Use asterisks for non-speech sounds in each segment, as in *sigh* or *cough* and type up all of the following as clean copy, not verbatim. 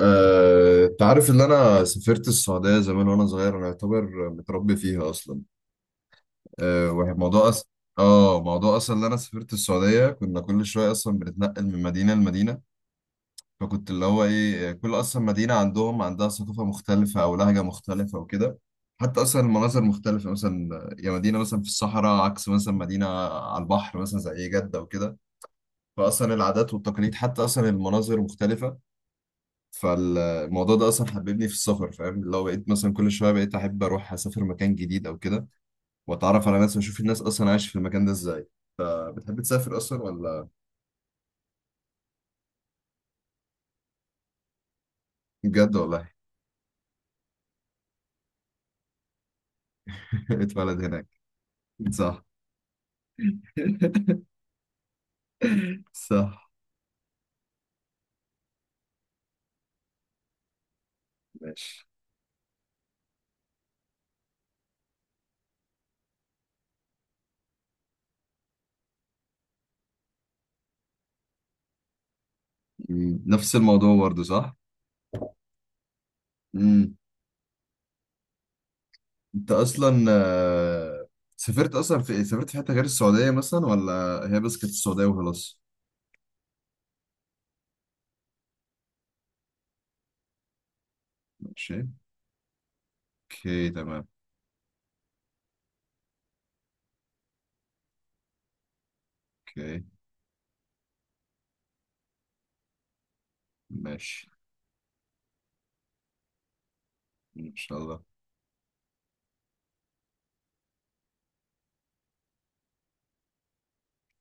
تعرف ان انا سافرت السعوديه زمان وانا صغير. انا اعتبر متربي فيها اصلا. أه وموضوع أس... اه موضوع اصلا ان انا سافرت السعوديه، كنا كل شويه اصلا بنتنقل من مدينه لمدينه. فكنت اللي هو ايه، كل اصلا مدينه عندها ثقافه مختلفه او لهجه مختلفه وكده. حتى اصلا المناظر مختلفه، مثلا يا مدينه مثلا في الصحراء عكس مثلا مدينه على البحر مثلا زي جده وكده. فاصلا العادات والتقاليد حتى اصلا المناظر مختلفه. فالموضوع ده اصلا حببني في السفر، فاهم؟ لو بقيت مثلا كل شويه بقيت احب اروح اسافر مكان جديد او كده واتعرف على ناس واشوف الناس اصلا عايشه في المكان ده ازاي. بتحب تسافر اصلا ولا؟ بجد والله؟ *laughs* اتولد هناك؟ صح. *laughs* صح. ماشي. مم. نفس الموضوع برضه، صح. مم. انت اصلا سافرت اصلا في إيه؟ سافرت في حته غير السعوديه مثلا ولا هي بس كانت السعوديه وخلاص؟ ماشي. اوكي تمام. اوكي ماشي. ان شاء الله.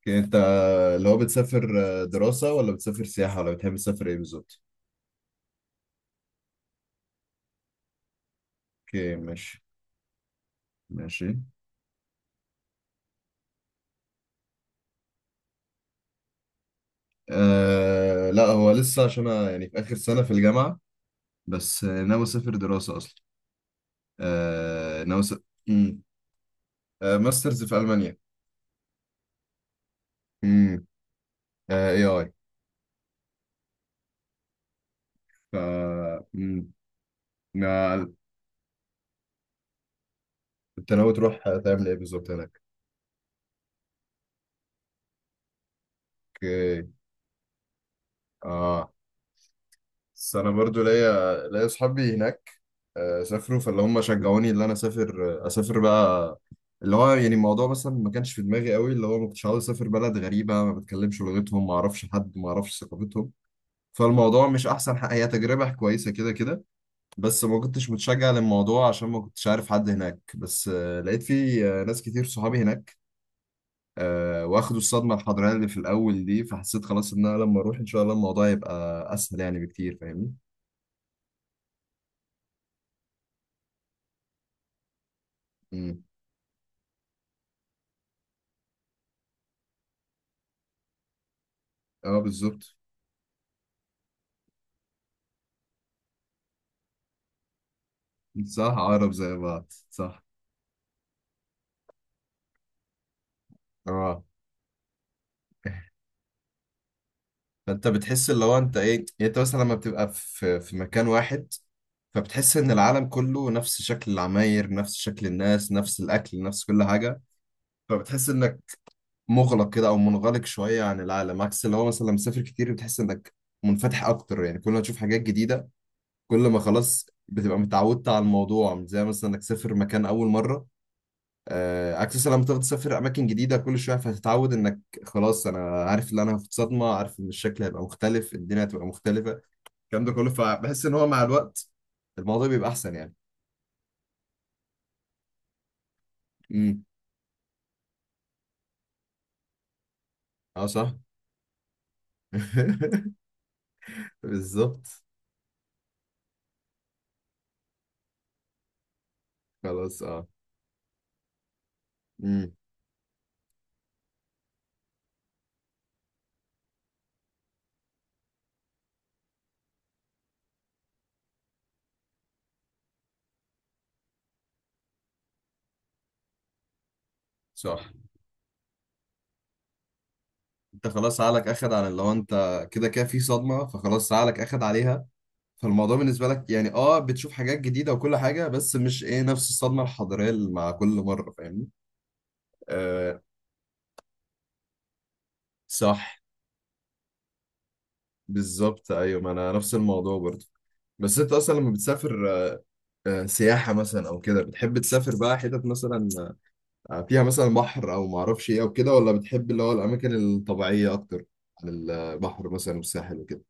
اوكي، انت اللي هو بتسافر دراسة ولا بتسافر سياحة ولا بتحب تسافر ايه بالظبط؟ اوكي ماشي. ماشي. آه لا، هو لسه عشان انا يعني في آخر سنة في الجامعة. بس ناوي اسافر دراسة اصلا. آه ناوي س... مم. ماسترز في ألمانيا. امم. AI. ف مم. ما- انت ناوي تروح تعمل ايه بالظبط هناك؟ اوكي. اه. بس انا برضو ليا اصحابي هناك سافروا، فاللي هم شجعوني ان انا اسافر اسافر بقى. اللي هو يعني الموضوع مثلا ما كانش في دماغي قوي، اللي هو ما كنتش عاوز اسافر بلد غريبه ما بتكلمش لغتهم ما اعرفش حد ما اعرفش ثقافتهم. فالموضوع مش احسن حاجه، هي تجربه كويسه كده كده. بس ما كنتش متشجع للموضوع عشان ما كنتش عارف حد هناك، بس لقيت في ناس كتير صحابي هناك واخدوا الصدمه الحضاريه اللي في الاول دي، فحسيت خلاص ان انا لما اروح ان شاء الله الموضوع يبقى اسهل يعني بكتير، فاهمني؟ اه بالظبط. صح، عقرب زي بعض، صح. اه. فانت بتحس اللي هو انت ايه، يعني انت مثلا لما بتبقى في مكان واحد فبتحس ان العالم كله نفس شكل العماير نفس شكل الناس نفس الاكل نفس كل حاجه، فبتحس انك مغلق كده او منغلق شويه عن العالم. عكس اللي هو مثلا لما مسافر كتير بتحس انك منفتح اكتر، يعني كل ما تشوف حاجات جديده كل ما خلاص بتبقى متعودت على الموضوع مش زي مثلا انك تسافر مكان اول مره. عكس لما تقعد تسافر اماكن جديده كل شويه فهتتعود انك خلاص انا عارف ان انا في صدمه، عارف ان الشكل هيبقى مختلف، الدنيا هتبقى مختلفه، الكلام ده كله. فبحس ان هو مع الوقت الموضوع بيبقى احسن يعني. امم. اه صح. *laughs* بالظبط. خلاص اه. امم. صح. انت خلاص عقلك اخد على، لو انت كده كده في صدمه فخلاص عقلك اخد عليها. فالموضوع بالنسبه لك يعني اه بتشوف حاجات جديده وكل حاجه، بس مش ايه نفس الصدمه الحضاريه اللي مع كل مره، فاهمني؟ آه صح. بالظبط ايوه، ما انا نفس الموضوع برضه. بس انت اصلا لما بتسافر سياحه مثلا او كده، بتحب تسافر بقى حتت مثلا فيها مثلا بحر او ما اعرفش ايه او كده، ولا بتحب اللي هو الاماكن الطبيعيه اكتر عن البحر مثلا والساحل وكده؟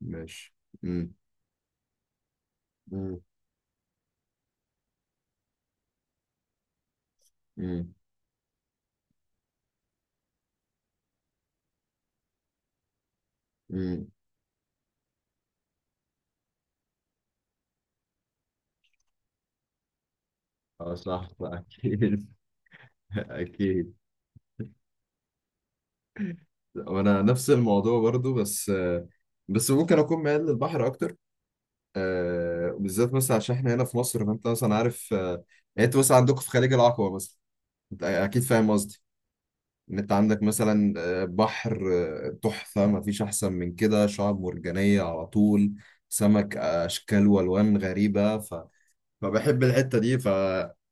ماشي. امم. امم. امم. امم. اه صح اكيد. *laughs* اكيد. وانا نفس الموضوع برضو، بس بس ممكن اكون ميال للبحر اكتر بالذات مثلا عشان احنا هنا في مصر، فانت مثلا عارف يعني انت مثلا عندكم في خليج العقبة مثلا، انت اكيد فاهم قصدي ان انت عندك مثلا بحر تحفة، ما فيش احسن من كده، شعاب مرجانية على طول، سمك اشكال والوان غريبة. فبحب الحتة دي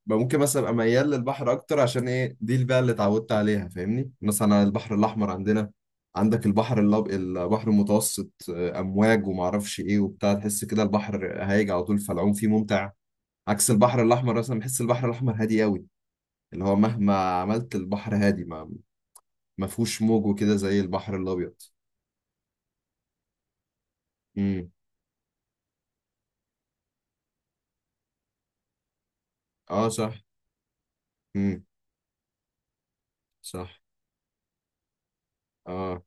ممكن مثلا ابقى ميال للبحر اكتر عشان ايه دي بقى اللي اتعودت عليها، فاهمني؟ مثلا البحر الاحمر عندنا، عندك البحر البحر المتوسط، امواج وما اعرفش ايه وبتاع، تحس كده البحر هايج على طول فالعوم فيه ممتع عكس البحر الاحمر. مثلا بحس البحر الاحمر هادي قوي، اللي هو مهما عملت البحر هادي، ما فيهوش موج وكده زي البحر الابيض. امم. اه صح. امم. صح. اه.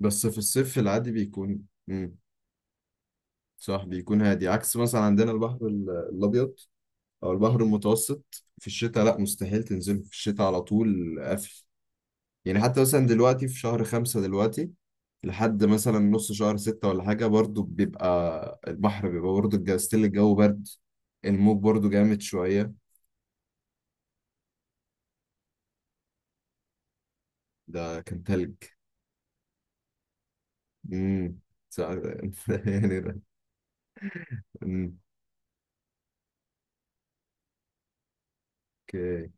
بس في الصيف العادي بيكون، امم، صح بيكون هادي عكس مثلا عندنا البحر الابيض او البحر المتوسط. في الشتاء لا، مستحيل تنزله في الشتاء، على طول قافل. يعني حتى مثلا دلوقتي في شهر خمسة دلوقتي، لحد مثلا نص شهر ستة ولا حاجة، برضو بيبقى البحر، بيبقى برضو الجو ستيل، الجو برد، الموج برضو جامد شوية. ده كان تلج؟ امم. سع- *laughs* يعني ده. امم. اوكي.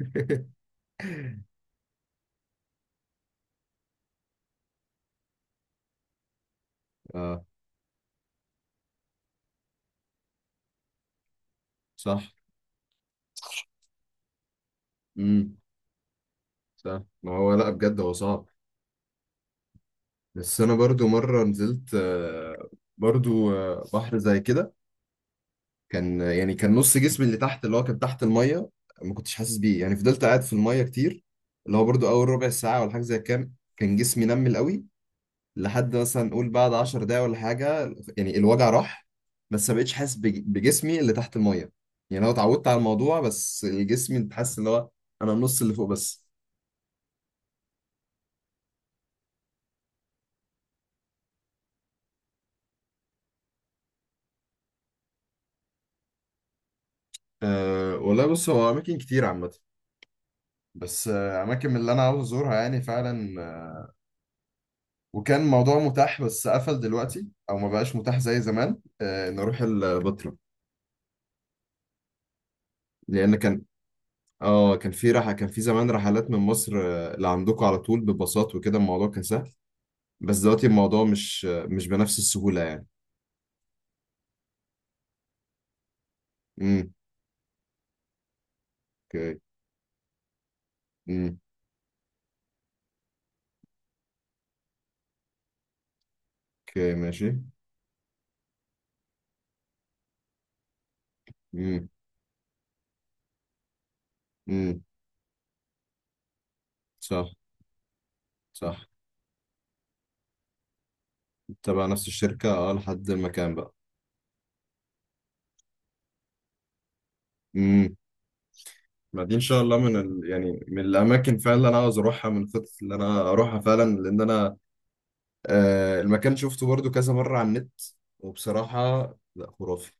*laughs* اه صح. امم. صح ما هو لا بجد هو صعب. بس انا برضو مره نزلت برضو بحر زي كده، كان يعني كان نص جسمي اللي تحت، اللي هو كان تحت الميه ما كنتش حاسس بيه، يعني فضلت قاعد في الميه كتير. اللي هو برضو اول ربع ساعه ولا حاجه زي كام، كان جسمي نمل قوي، لحد مثلا نقول بعد 10 دقايق ولا حاجه يعني الوجع راح. بس ما بقتش حاسس بجسمي اللي تحت الميه. يعني انا اتعودت على الموضوع، بس الجسم انت حاسس اللي هو انا النص اللي فوق بس. والله بص هو اماكن كتير عامه، بس اماكن من اللي انا عاوز ازورها يعني فعلا وكان موضوع متاح بس قفل دلوقتي او ما بقاش متاح زي زمان، ان اروح البتراء، لان كان اه كان في رحله كان في زمان رحلات من مصر لعندكم، على طول بباصات وكده، الموضوع كان سهل. بس دلوقتي الموضوع مش بنفس السهوله يعني. امم. اوكي. امم. اوكي ماشي. امم. امم. صح. صح تبع نفس الشركه، اه، لحد المكان بقى. امم. ما دي ان شاء الله يعني من الاماكن فعلا اللي انا عاوز اروحها، من الخطط اللي انا اروحها فعلا، لان انا المكان شفته برضو كذا مرة على النت، وبصراحة لا، خرافي.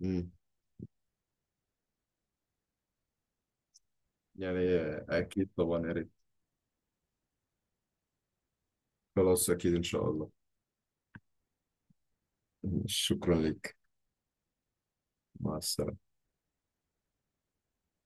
مم. يعني أكيد طبعا يا ريت. خلاص أكيد إن شاء الله. شكرا لك. مع السلامة.